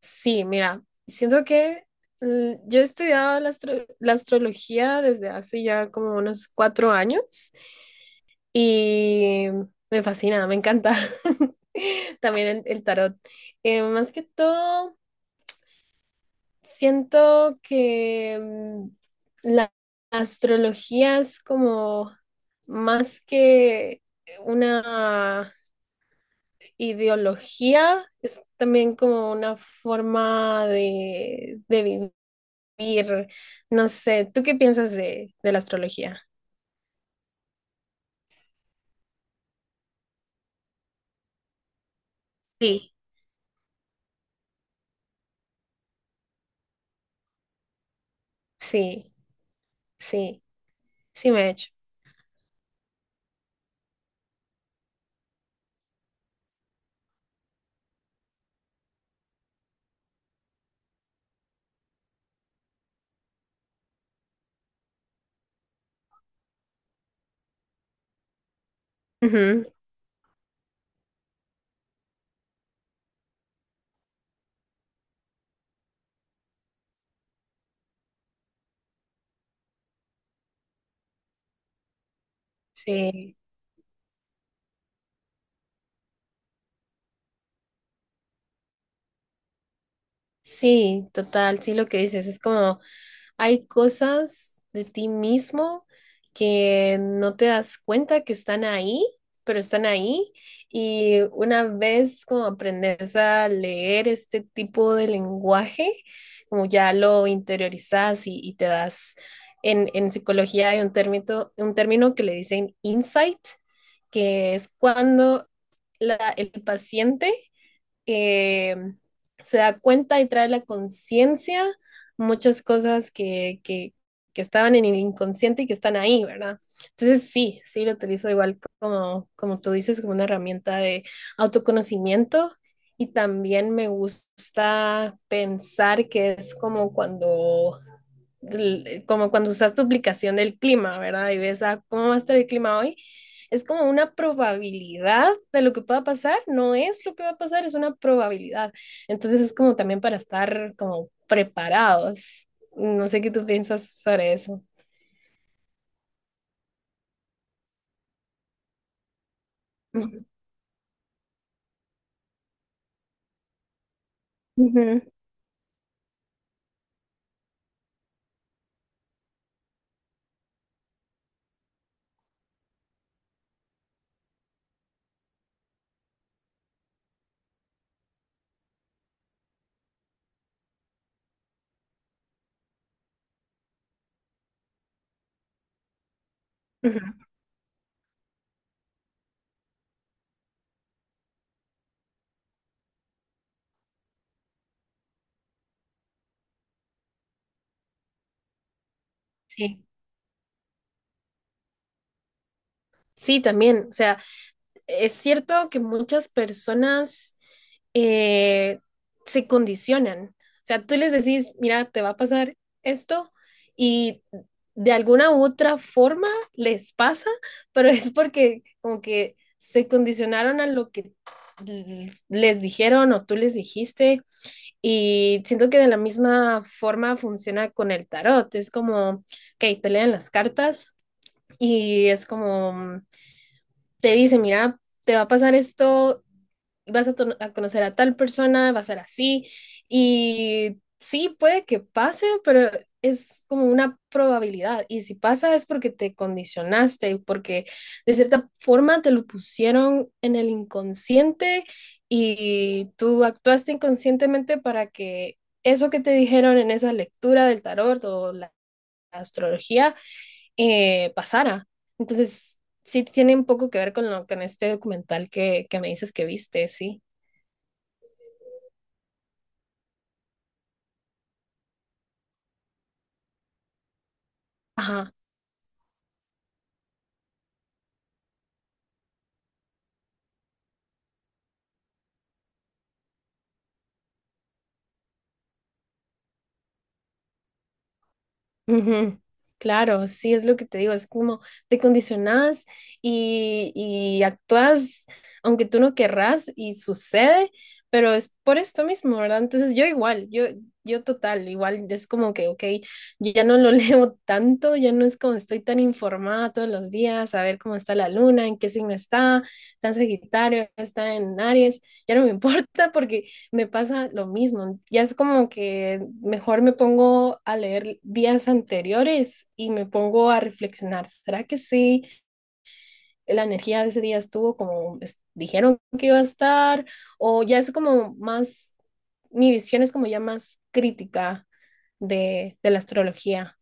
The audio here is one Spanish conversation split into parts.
Sí, mira, siento que yo he estudiado la astrología desde hace ya como unos 4 años y me fascina, me encanta. También el tarot. Más que todo, siento que la astrología es como más que una ideología, es también como una forma de vivir, no sé, ¿tú qué piensas de la astrología? Sí, sí, sí, sí me he hecho. Ujú. Sí, sí, total, sí lo que dices, es como, hay cosas de ti mismo que no te das cuenta que están ahí, pero están ahí. Y una vez como aprendes a leer este tipo de lenguaje, como ya lo interiorizas y te das, en psicología hay un término que le dicen insight, que es cuando el paciente eh, se da cuenta y trae la conciencia muchas cosas que estaban en el inconsciente y que están ahí, ¿verdad? Entonces sí, sí lo utilizo igual como tú dices, como una herramienta de autoconocimiento y también me gusta pensar que es como cuando usas tu aplicación del clima, ¿verdad? Y ves, ah, ¿cómo va a estar el clima hoy? Es como una probabilidad de lo que pueda pasar, no es lo que va a pasar, es una probabilidad. Entonces es como también para estar como preparados. No sé qué tú piensas sobre eso. Ujú, ujú, ujú. Sí. Sí, también, o sea, es cierto que muchas personas eh, se condicionan. O sea, tú les decís, mira, te va a pasar esto y de alguna u otra forma les pasa, pero es porque como que se condicionaron a lo que les dijeron o tú les dijiste y siento que de la misma forma funciona con el tarot. Es como, ok, te leen las cartas y es como te dice, mira, te va a pasar esto, vas a, conocer a tal persona, va a ser así, y sí, puede que pase, pero es como una probabilidad, y si pasa es porque te condicionaste, y porque de cierta forma te lo pusieron en el inconsciente y tú actuaste inconscientemente para que eso que te dijeron en esa lectura del tarot o la astrología pasara. Entonces, sí tiene un poco que ver con lo, con este documental que me dices que viste, sí. Ajá. Ujú. Claro, sí es lo que te digo, es como te condicionás y actúas aunque tú no querrás y sucede, pero es por esto mismo, ¿verdad? Entonces yo igual, yo total, igual es como que, ok, yo ya no lo leo tanto, ya no es como estoy tan informada todos los días, a ver cómo está la luna, en qué signo está, está en Sagitario, está en Aries, ya no me importa porque me pasa lo mismo. Ya es como que mejor me pongo a leer días anteriores y me pongo a reflexionar. ¿Será que sí? La energía de ese día estuvo como dijeron que iba a estar, o ya es como más, mi visión es como ya más crítica de la astrología.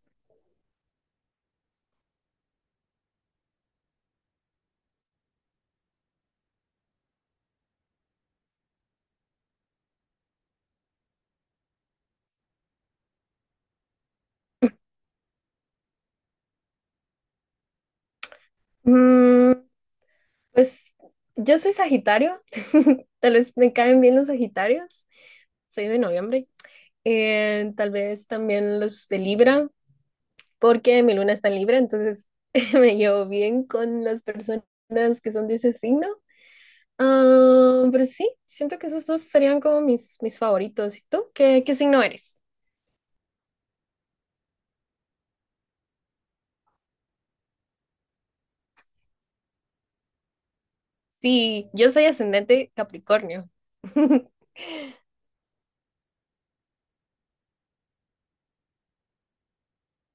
Mm, pues yo soy Sagitario, tal vez me caen bien los Sagitarios, soy de noviembre. Tal vez también los de Libra, porque mi luna está en Libra, entonces me llevo bien con las personas que son de ese signo. Ah, pero sí, siento que esos dos serían como mis favoritos. ¿Y tú? ¿Qué signo eres? Sí, yo soy ascendente Capricornio.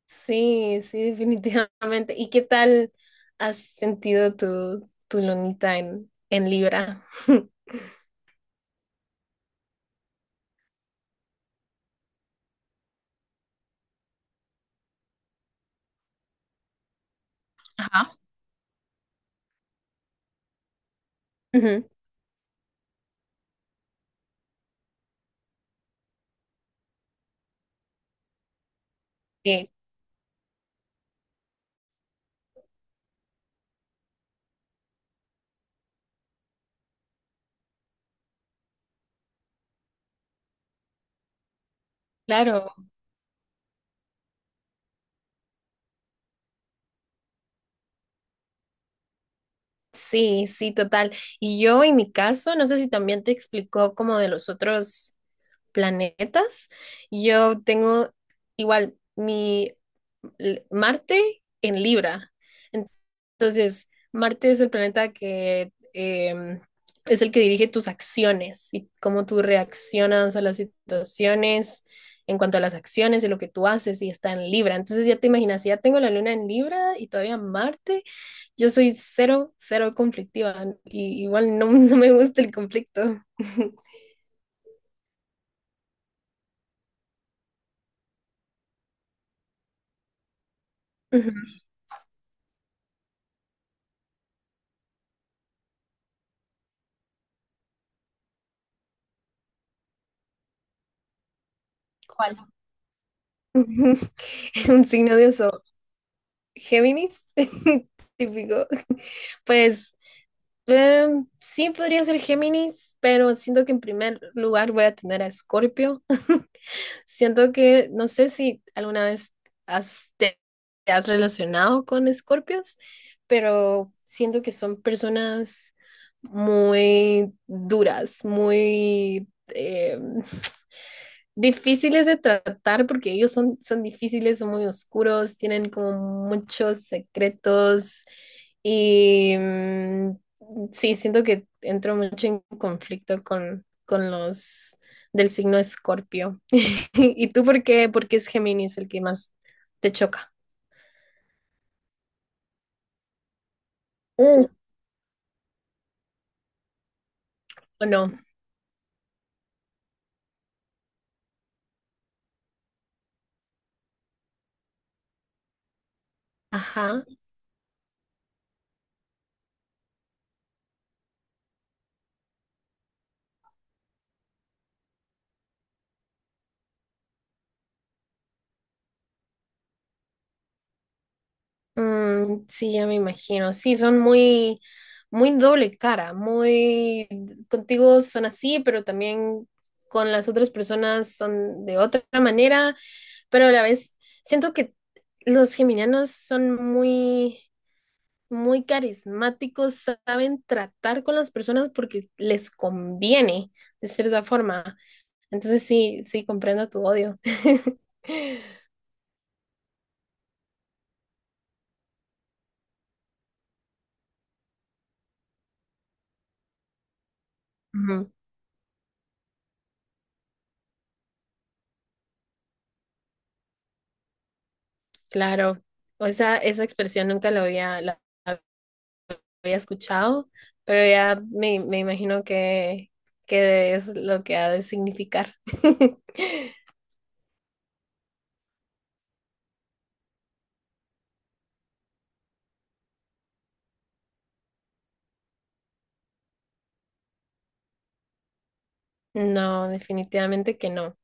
Sí, sí, definitivamente. ¿Y qué tal has sentido tu lunita en Libra? Ajá. Ujú, sí, claro. Sí, sí, total. Y yo en mi caso, no sé si también te explicó como de los otros planetas, yo tengo igual mi Marte en Libra. Entonces, Marte es el planeta que es el que dirige tus acciones y cómo tú reaccionas a las situaciones en cuanto a las acciones y lo que tú haces y está en Libra. Entonces ya te imaginas, si ya tengo la luna en Libra y todavía Marte, yo soy cero, cero conflictiva y igual no, no me gusta el conflicto. Ujú. ¿Cuál? Un signo de eso, Géminis, típico. Pues Eh, sí, podría ser Géminis, pero siento que en primer lugar voy a tener a Escorpio. Siento que, no sé si alguna vez has, te, te has relacionado con Escorpios, pero siento que son personas muy duras, muy difíciles de tratar porque ellos son difíciles, son muy oscuros, tienen como muchos secretos y sí, siento que entro mucho en conflicto con los del signo Escorpio. ¿Y tú por qué? Porque es Géminis el que más te choca, Mm, ¿o no? Ajá. Sí, ya me imagino. Sí, son muy, muy doble cara, muy contigo son así, pero también con las otras personas son de otra manera, pero a la vez siento que los geminianos son muy, muy carismáticos, saben tratar con las personas porque les conviene de cierta forma. Entonces sí, sí, comprendo tu odio. Ujú. Claro, o esa expresión nunca la había escuchado, pero ya me imagino que es lo que ha de significar. No, definitivamente que no.